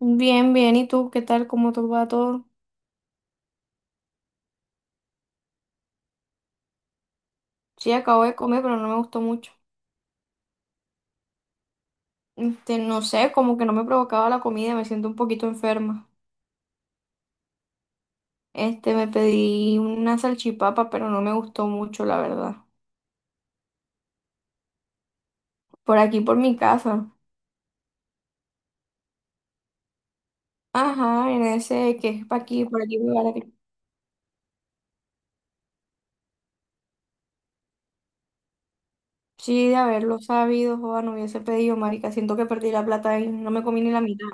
Bien, bien. ¿Y tú qué tal? ¿Cómo te va todo? Sí, acabo de comer, pero no me gustó mucho. No sé, como que no me provocaba la comida, me siento un poquito enferma. Me pedí una salchipapa, pero no me gustó mucho, la verdad. Por aquí, por mi casa. Ajá, en ese que es pa' aquí, por aquí me vale. Sí, de haberlo sabido, joda, no hubiese pedido, marica. Siento que perdí la plata y no me comí ni la mitad.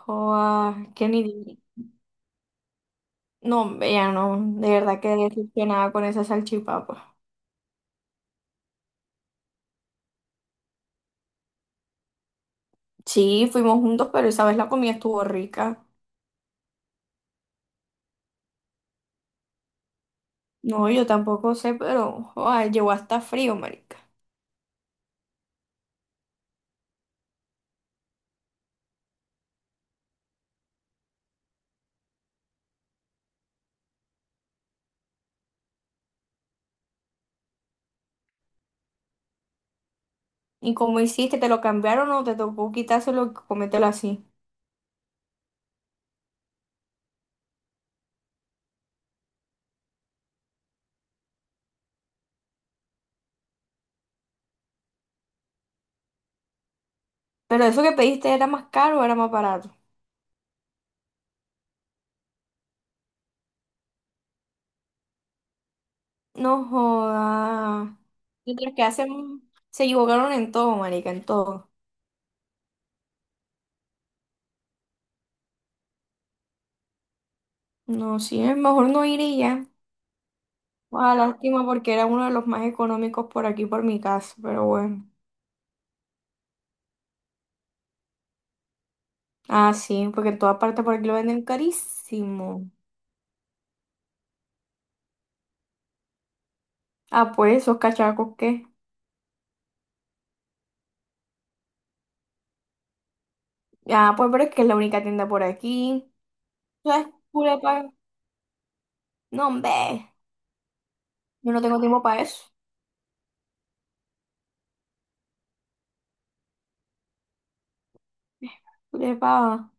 Joda, que ni... No, ya no, de verdad que decepcionada con esa salchipapa. Sí, fuimos juntos, pero esa vez la comida estuvo rica. No, yo tampoco sé, pero ay, llegó hasta frío, marica. ¿Y cómo hiciste? ¿Te lo cambiaron o te tocó quitárselo y comértelo así? Pero eso que pediste ¿era más caro o era más barato? No joda. Mientras que hacen, se equivocaron en todo, marica, en todo. No, sí, es mejor no ir y ya. Ah, lástima porque era uno de los más económicos por aquí, por mi casa, pero bueno. Ah, sí, porque en todas partes por aquí lo venden carísimo. Ah, pues, esos cachacos, ¿qué? Ah, pues, pero es que es la única tienda por aquí. ¿Sabes? Pura pa- No, hombre. Yo no tengo tiempo para eso. Pura pa-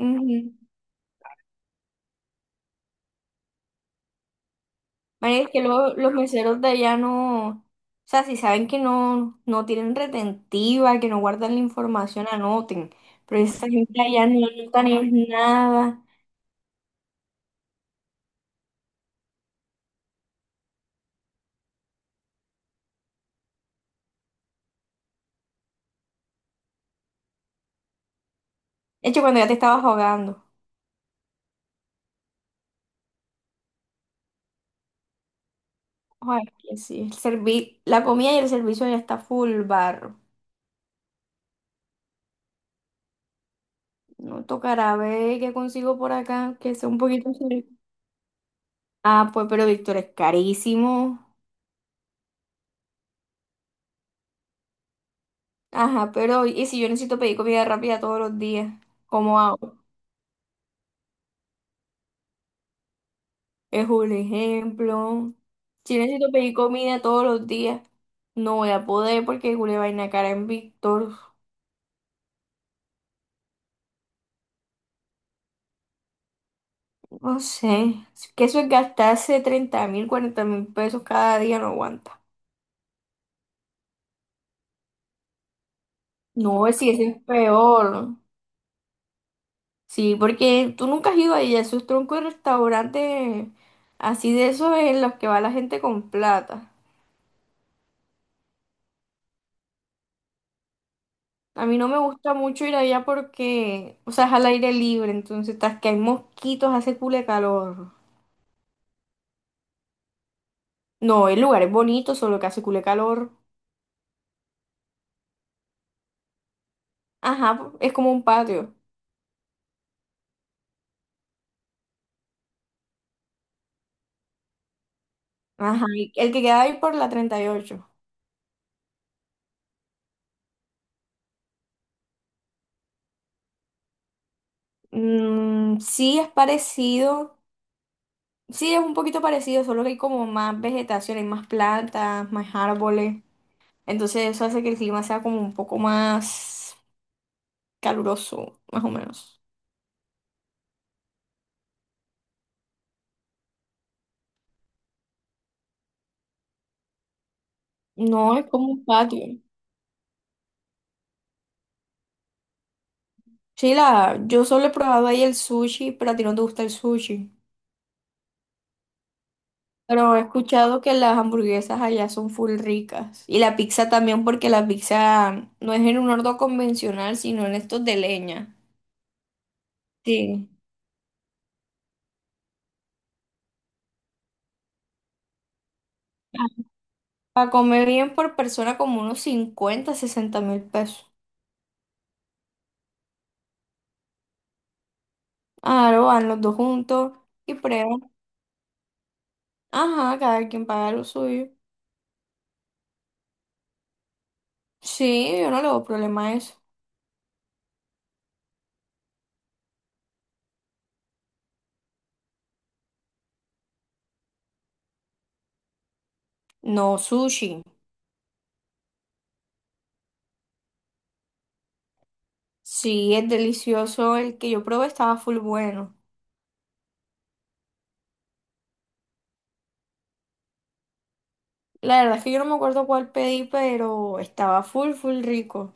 Ujú. Marica, es que luego los meseros de allá no. O sea, si saben que no, no tienen retentiva, que no guardan la información, anoten. Pero esa gente allá no anotan es nada. De hecho, cuando ya te estabas ahogando. Ay, que sí. El servi- la comida y el servicio ya está full bar. No tocará ver qué consigo por acá, que sea un poquito. Ah, pues, pero Víctor, es carísimo. Ajá, pero ¿y si yo necesito pedir comida rápida todos los días? ¿Cómo hago? Es un ejemplo. Si necesito pedir comida todos los días, no voy a poder porque una vaina cara en Víctor. No sé. Es que eso es gastarse 30.000, 40.000 pesos cada día, no aguanta. No, si eso es peor. Sí, porque tú nunca has ido ahí a esos troncos de restaurantes así de esos en los que va la gente con plata. A mí no me gusta mucho ir allá porque, o sea, es al aire libre, entonces tras que hay mosquitos, hace cule calor. No, el lugar es bonito, solo que hace cule calor. Ajá, es como un patio. Ajá, y el que queda ahí por la 38. Mm, sí es parecido, sí es un poquito parecido, solo que hay como más vegetación, hay más plantas, más árboles. Entonces eso hace que el clima sea como un poco más caluroso, más o menos. No, es como un patio. Chila, yo solo he probado ahí el sushi, pero a ti no te gusta el sushi. Pero he escuchado que las hamburguesas allá son full ricas. Y la pizza también, porque la pizza no es en un horno convencional, sino en estos de leña. Sí. Para comer bien por persona como unos 50, 60.000 pesos. Claro, van los dos juntos y prueban. Ajá, cada quien paga lo suyo. Sí, yo no le veo problema a eso. No, sushi. Sí, es delicioso. El que yo probé estaba full bueno. La verdad es que yo no me acuerdo cuál pedí, pero estaba full, full rico.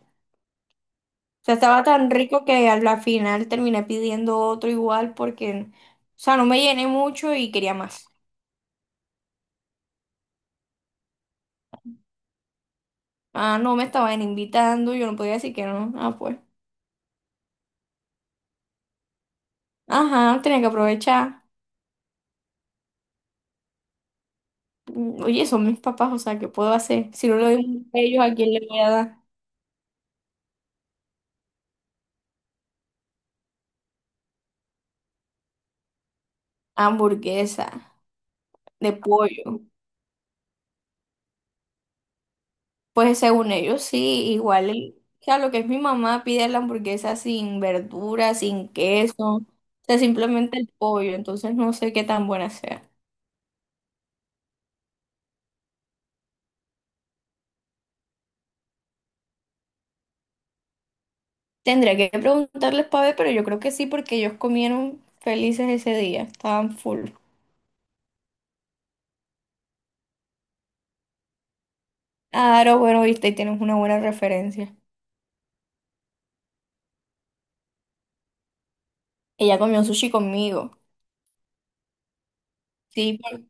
O sea, estaba tan rico que al la final terminé pidiendo otro igual porque, o sea, no me llené mucho y quería más. Ah, no me estaban invitando, yo no podía decir que no. Ah, pues. Ajá, tenía que aprovechar. Mm, oye, son mis papás, o sea, ¿qué puedo hacer? Si no lo doy a ellos, ¿a quién le voy a dar? Hamburguesa de pollo. Pues según ellos sí, igual el- o sea, lo que es mi mamá pide la hamburguesa sin verduras, sin queso, o sea, simplemente el pollo, entonces no sé qué tan buena sea. Tendría que preguntarles para ver, pero yo creo que sí, porque ellos comieron felices ese día, estaban full. Claro, bueno, viste, y tienes una buena referencia. Ella comió sushi conmigo. Sí, por-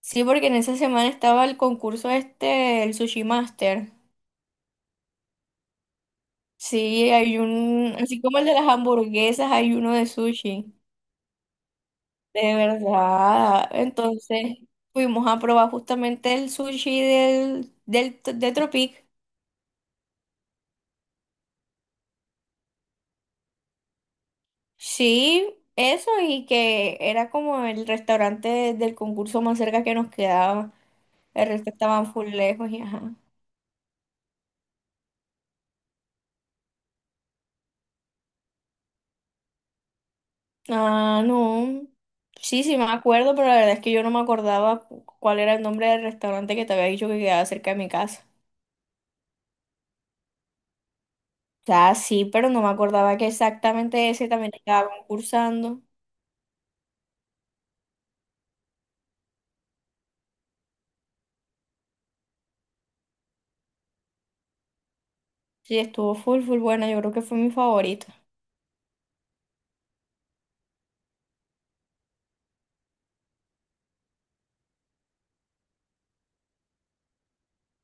sí, porque en esa semana estaba el concurso este, el Sushi Master. Sí, hay un, así como el de las hamburguesas, hay uno de sushi. De verdad. Entonces fuimos a probar justamente el sushi de Tropic. Sí, eso y que era como el restaurante del concurso más cerca que nos quedaba. El resto estaban full lejos y ajá. Ah, no. Sí, sí me acuerdo, pero la verdad es que yo no me acordaba cu- cuál era el nombre del restaurante que te había dicho que quedaba cerca de mi casa. O sea, sí, pero no me acordaba que exactamente ese también estaba concursando. Sí, estuvo full, full buena. Yo creo que fue mi favorito.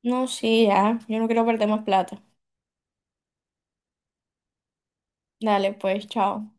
No, sí, ya. Yo no quiero perder más plata. Dale, pues, chao.